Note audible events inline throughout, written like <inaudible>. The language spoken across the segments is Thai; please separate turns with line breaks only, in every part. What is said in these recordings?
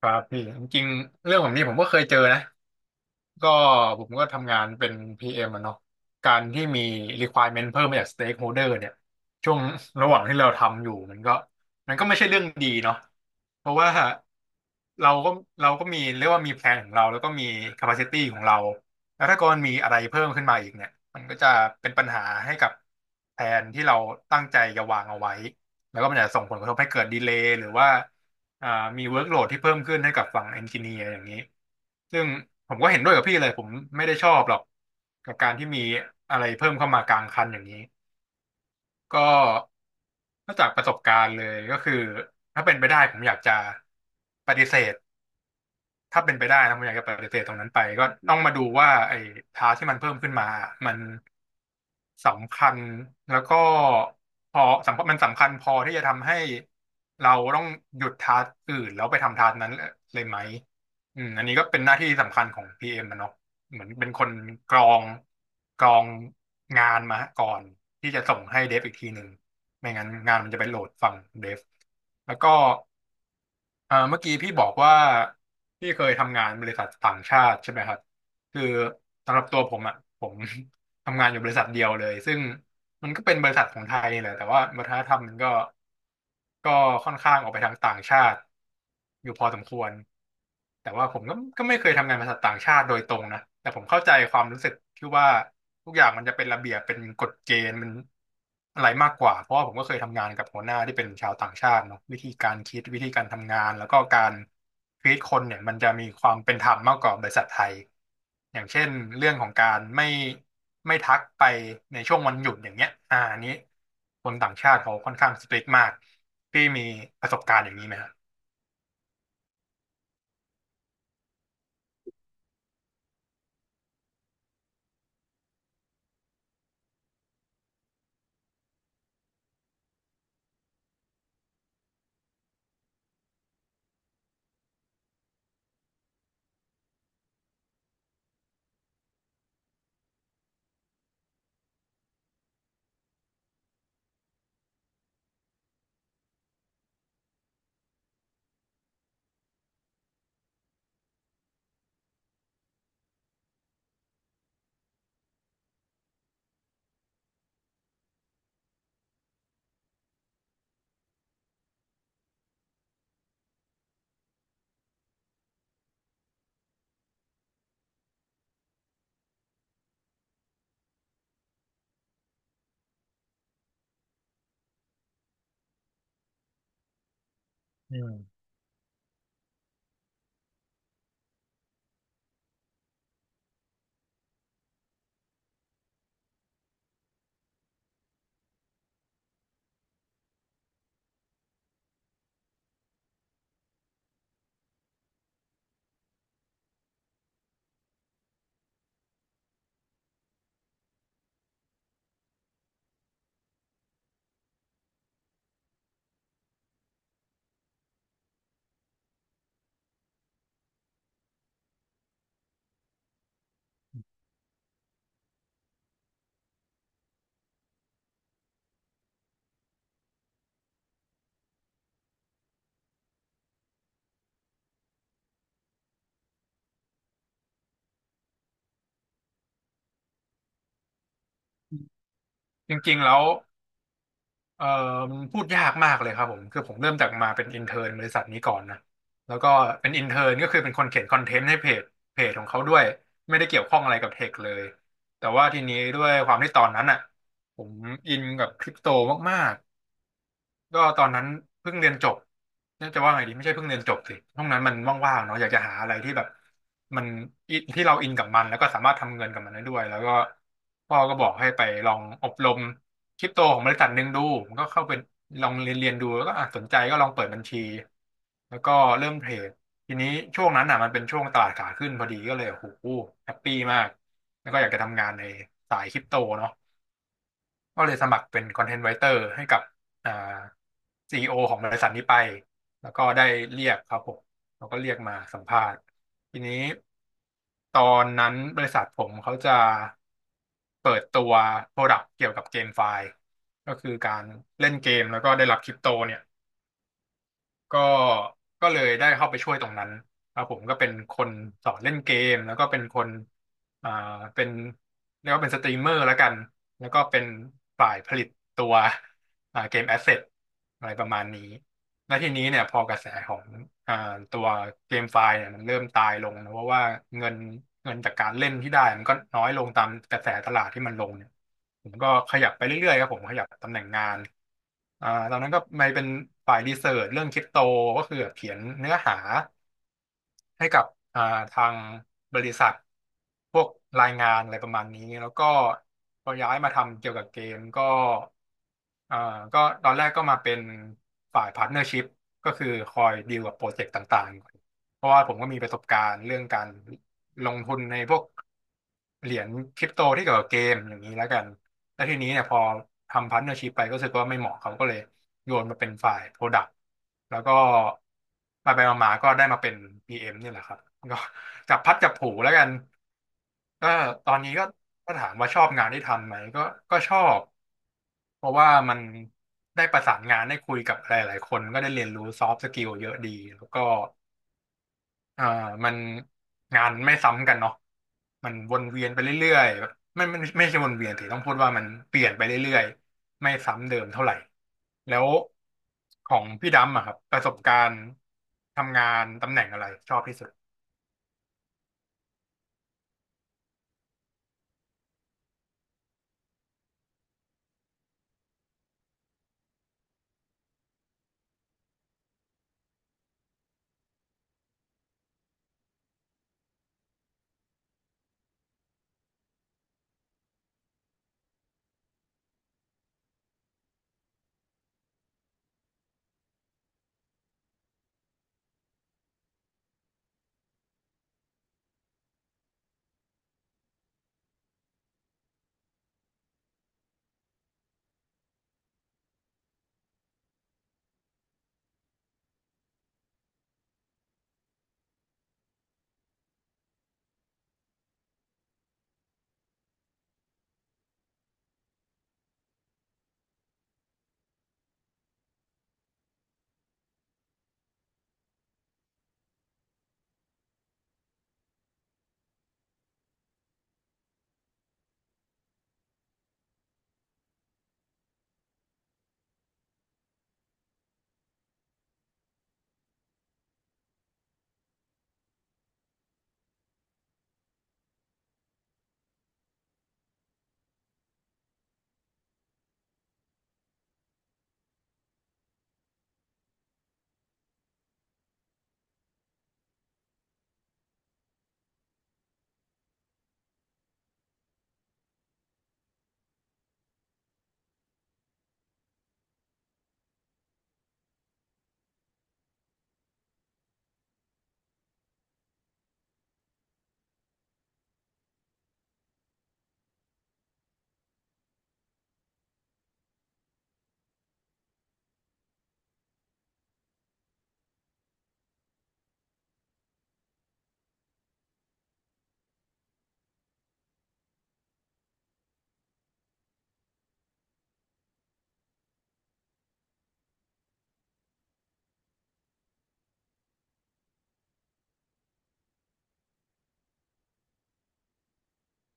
ครับพี่จริงๆเรื่องแบบนี้ผมก็เคยเจอนะก็ผมก็ทำงานเป็น PM อมอะเนาะการที่มี requirement เพิ่มมาจาก stakeholder เนี่ยช่วงระหว่างที่เราทำอยู่มันก็ไม่ใช่เรื่องดีเนาะเพราะว่าเราก็เราก็มีเรียกว่ามีแพลนของเราแล้วก็มี capacity ของเราแล้วถ้าเกิดมันมีอะไรเพิ่มขึ้นมาอีกเนี่ยมันก็จะเป็นปัญหาให้กับแผนที่เราตั้งใจจะวางเอาไว้แล้วก็มันจะส่งผลกระทบให้เกิดดีเลย์หรือว่า อ่ามีเวิร์กโหลดที่เพิ่มขึ้นให้กับฝั่งเอนจิเนียร์อย่างนี้ซึ่งผมก็เห็นด้วยกับพี่เลยผมไม่ได้ชอบหรอกกับการที่มีอะไรเพิ่มเข้ามากลางคันอย่างนี้ก็ก็จากประสบการณ์เลยก็คือถ้าเป็นไปได้ผมอยากจะปฏิเสธ ถ้าเป็นไปได้นะผมอยากจะปฏิเสธตรงนั้นไปก็ต้องมาดูว่าไอ้ทาสที่มันเพิ่มขึ้นมามันสำคัญแล้วก็พอสำคัญมันสำคัญพอที่จะทำให้เราต้องหยุดทาสอื่นแล้วไปทำทาสนั้นเลยไหมอืมอันนี้ก็เป็นหน้าที่สำคัญของพีเอ็มนะเนาะเหมือนเป็นคนกรองกรองงานมาก่อนที่จะส่งให้เดฟอีกทีหนึ่งไม่งั้นงานมันจะไปโหลดฝั่งเดฟแล้วก็ เมื่อกี้พี่บอกว่าพี่เคยทำงานบริษัทต่างชาติใช่ไหมครับคือสำหรับตัวผมอ่ะผม <laughs> ทำงานอยู่บริษัทเดียวเลยซึ่งมันก็เป็นบริษัทของไทยนี่แหละแต่ว่าวัฒนธรรมมันก็ค่อนข้างออกไปทางต่างชาติอยู่พอสมควร แต่ว่าผมก็ไม่เคยทำงานบริษัทต่างชาติโดยตรงนะแต่ผมเข้าใจความรู้สึกที่ว่าทุกอย่างมันจะเป็นระเบียบเป็นกฎเกณฑ์มันอะไรมากกว่าเพราะว่าผมก็เคยทำงานกับหัวหน้าที่เป็นชาวต่างชาติเนาะวิธีการคิดวิธีการทำงานแล้วก็การฟีดคนเนี่ยมันจะมีความเป็นธรรมมากกว่าบริษัทไทยอย่างเช่นเรื่องของการไม่ทักไปในช่วงวันหยุดอย่างเงี้ยอันนี้คนต่างชาติเขาค่อนข้างสตริกมากที่มีประสบการณ์อย่างนี้ไหมฮะอืมจริงๆแล้ว เอ่อมันพูดยากมากเลยครับผมคือผมเริ่มจากมาเป็นอินเท n ร์นบริษัทนี้ก่อนนะแล้วก็เป็นอินเท n ร์นก็คือเป็นคนเขียนคอนเทนต์ให้เพจของเขาด้วยไม่ได้เกี่ยวข้องอะไรกับเทคเลยแต่ว่าทีนี้ด้วยความที่ตอนนั้นอ่ะผมอินกับคริปโตมาก ก็ตอนนั้นเพิ่งเรียนจบน่าจะว่าไงดีไม่ใช่เพิ่งเรียนจบสิห้องนั้นมันว่างๆเนาะอยากจะหาอะไรที่แบบมันอิที่เราอินกับมันแล้วก็สามารถทำเงินกับมันได้ด้วยแล้วก็พ่อก็บอกให้ไปลองอบรมคริปโตของบริษัทหนึ่งดูผมก็เข้าไปลองเรียนดูแล้วก็อ่ะสนใจก็ลองเปิดบัญชีแล้วก็เริ่มเทรดทีนี้ช่วงนั้นอ่ะมันเป็นช่วงตลาดขาขึ้นพอดีก็เลยโอ้โหแฮปปี้มากแล้วก็อยากจะทำงานในสายคริปโตเนาะ ก็เลยสมัครเป็นคอนเทนต์ไรเตอร์ให้กับอ่าซีอีโอของบริษัทนี้ไป แล้วก็ได้เรียกครับผมแล้วก็เรียกมาสัมภาษณ์ ทีนี้ตอนนั้นบริษัทผมเขาจะเปิดตัวโปรดักต์เกี่ยวกับเกมไฟล์ ก็คือการเล่นเกมแล้วก็ได้รับคริปโตเนี่ย ก็ก็เลยได้เข้าไปช่วยตรงนั้นครับผมก็เป็นคนสอนเล่นเกมแล้วก็เป็นคนอ่าเป็นเรียกว่าเป็นสตรีมเมอร์แล้วกัน แล้วก็เป็นฝ่ายผลิตตัวเกมแอสเซทอะไรประมาณนี้ แล้วทีนี้เนี่ยพอกระแสของอ่าตัวเกมไฟล์เนี่ยมันเริ่มตายลงนะเพราะว่าเงินเงินจากการเล่นที่ได้มันก็น้อยลงตามกระแสตลาดที่มันลงเนี่ยผมก็ขยับไปเรื่อยๆครับผมขยับตำแหน่งงานตอนนั้นก็ไปเป็นฝ่ายรีเสิร์ชเรื่องคริปโตก็คือแบบเขียนเนื้อหา ให้กับอ่าทางบริษัทพวกรายงานอะไรประมาณนี้แล้วก็พอย้ายมาทำเกี่ยวกับเกมก็อ่าก็ตอนแรกก็มาเป็นฝ่ายพาร์ทเนอร์ชิพก็คือคอยดีลกับโปรเจกต์ต่างๆก่อนเพราะว่าผมก็มีประสบการณ์เรื่องการลงทุนในพวก เหรียญคริปโตที่เกี่ยวกับเกมอย่างนี้แล้วกันแล้วทีนี้เนี่ยพอทำพาร์ทเนอร์ชิพไปก็รู้สึกว่าไม่เหมาะเขาก็เลยโยนมาเป็นฝ่ายโปรดักต์แล้วก็ไปไปมาๆก็ได้มาเป็น PM นี่แหละครับก็ <laughs> จับพัดจับผูแล้วกันก็ตอนนี้ก็ก็ถามว่าชอบงานที่ทำไหมก็ก็ชอบเพราะว่ามันได้ประสานงานได้คุยกับหลายๆคนก็ได้เรียนรู้ซอฟต์สกิลเยอะดีแล้วก็ อ่ามันงานไม่ซ้ำกันเนาะมันวนเวียนไปเรื่อยๆแบบไม่ใช่วนเวียนแต่ต้องพูดว่ามันเปลี่ยนไปเรื่อยๆไม่ซ้ำเดิมเท่าไหร่แล้วของพี่ดำอะครับประสบการณ์ทำงานตำแหน่งอะไรชอบที่สุด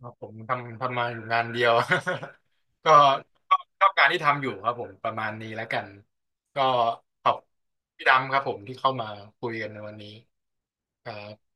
อ๋อผมทำมาอยู่งานเดียว <laughs> ก็ชอบงานที่ทำอยู่ครับผมประมาณนี้แล้วกันก็ขอบพี่ดำครับผมที่เข้ามาคุยกันในวันนี้ครับ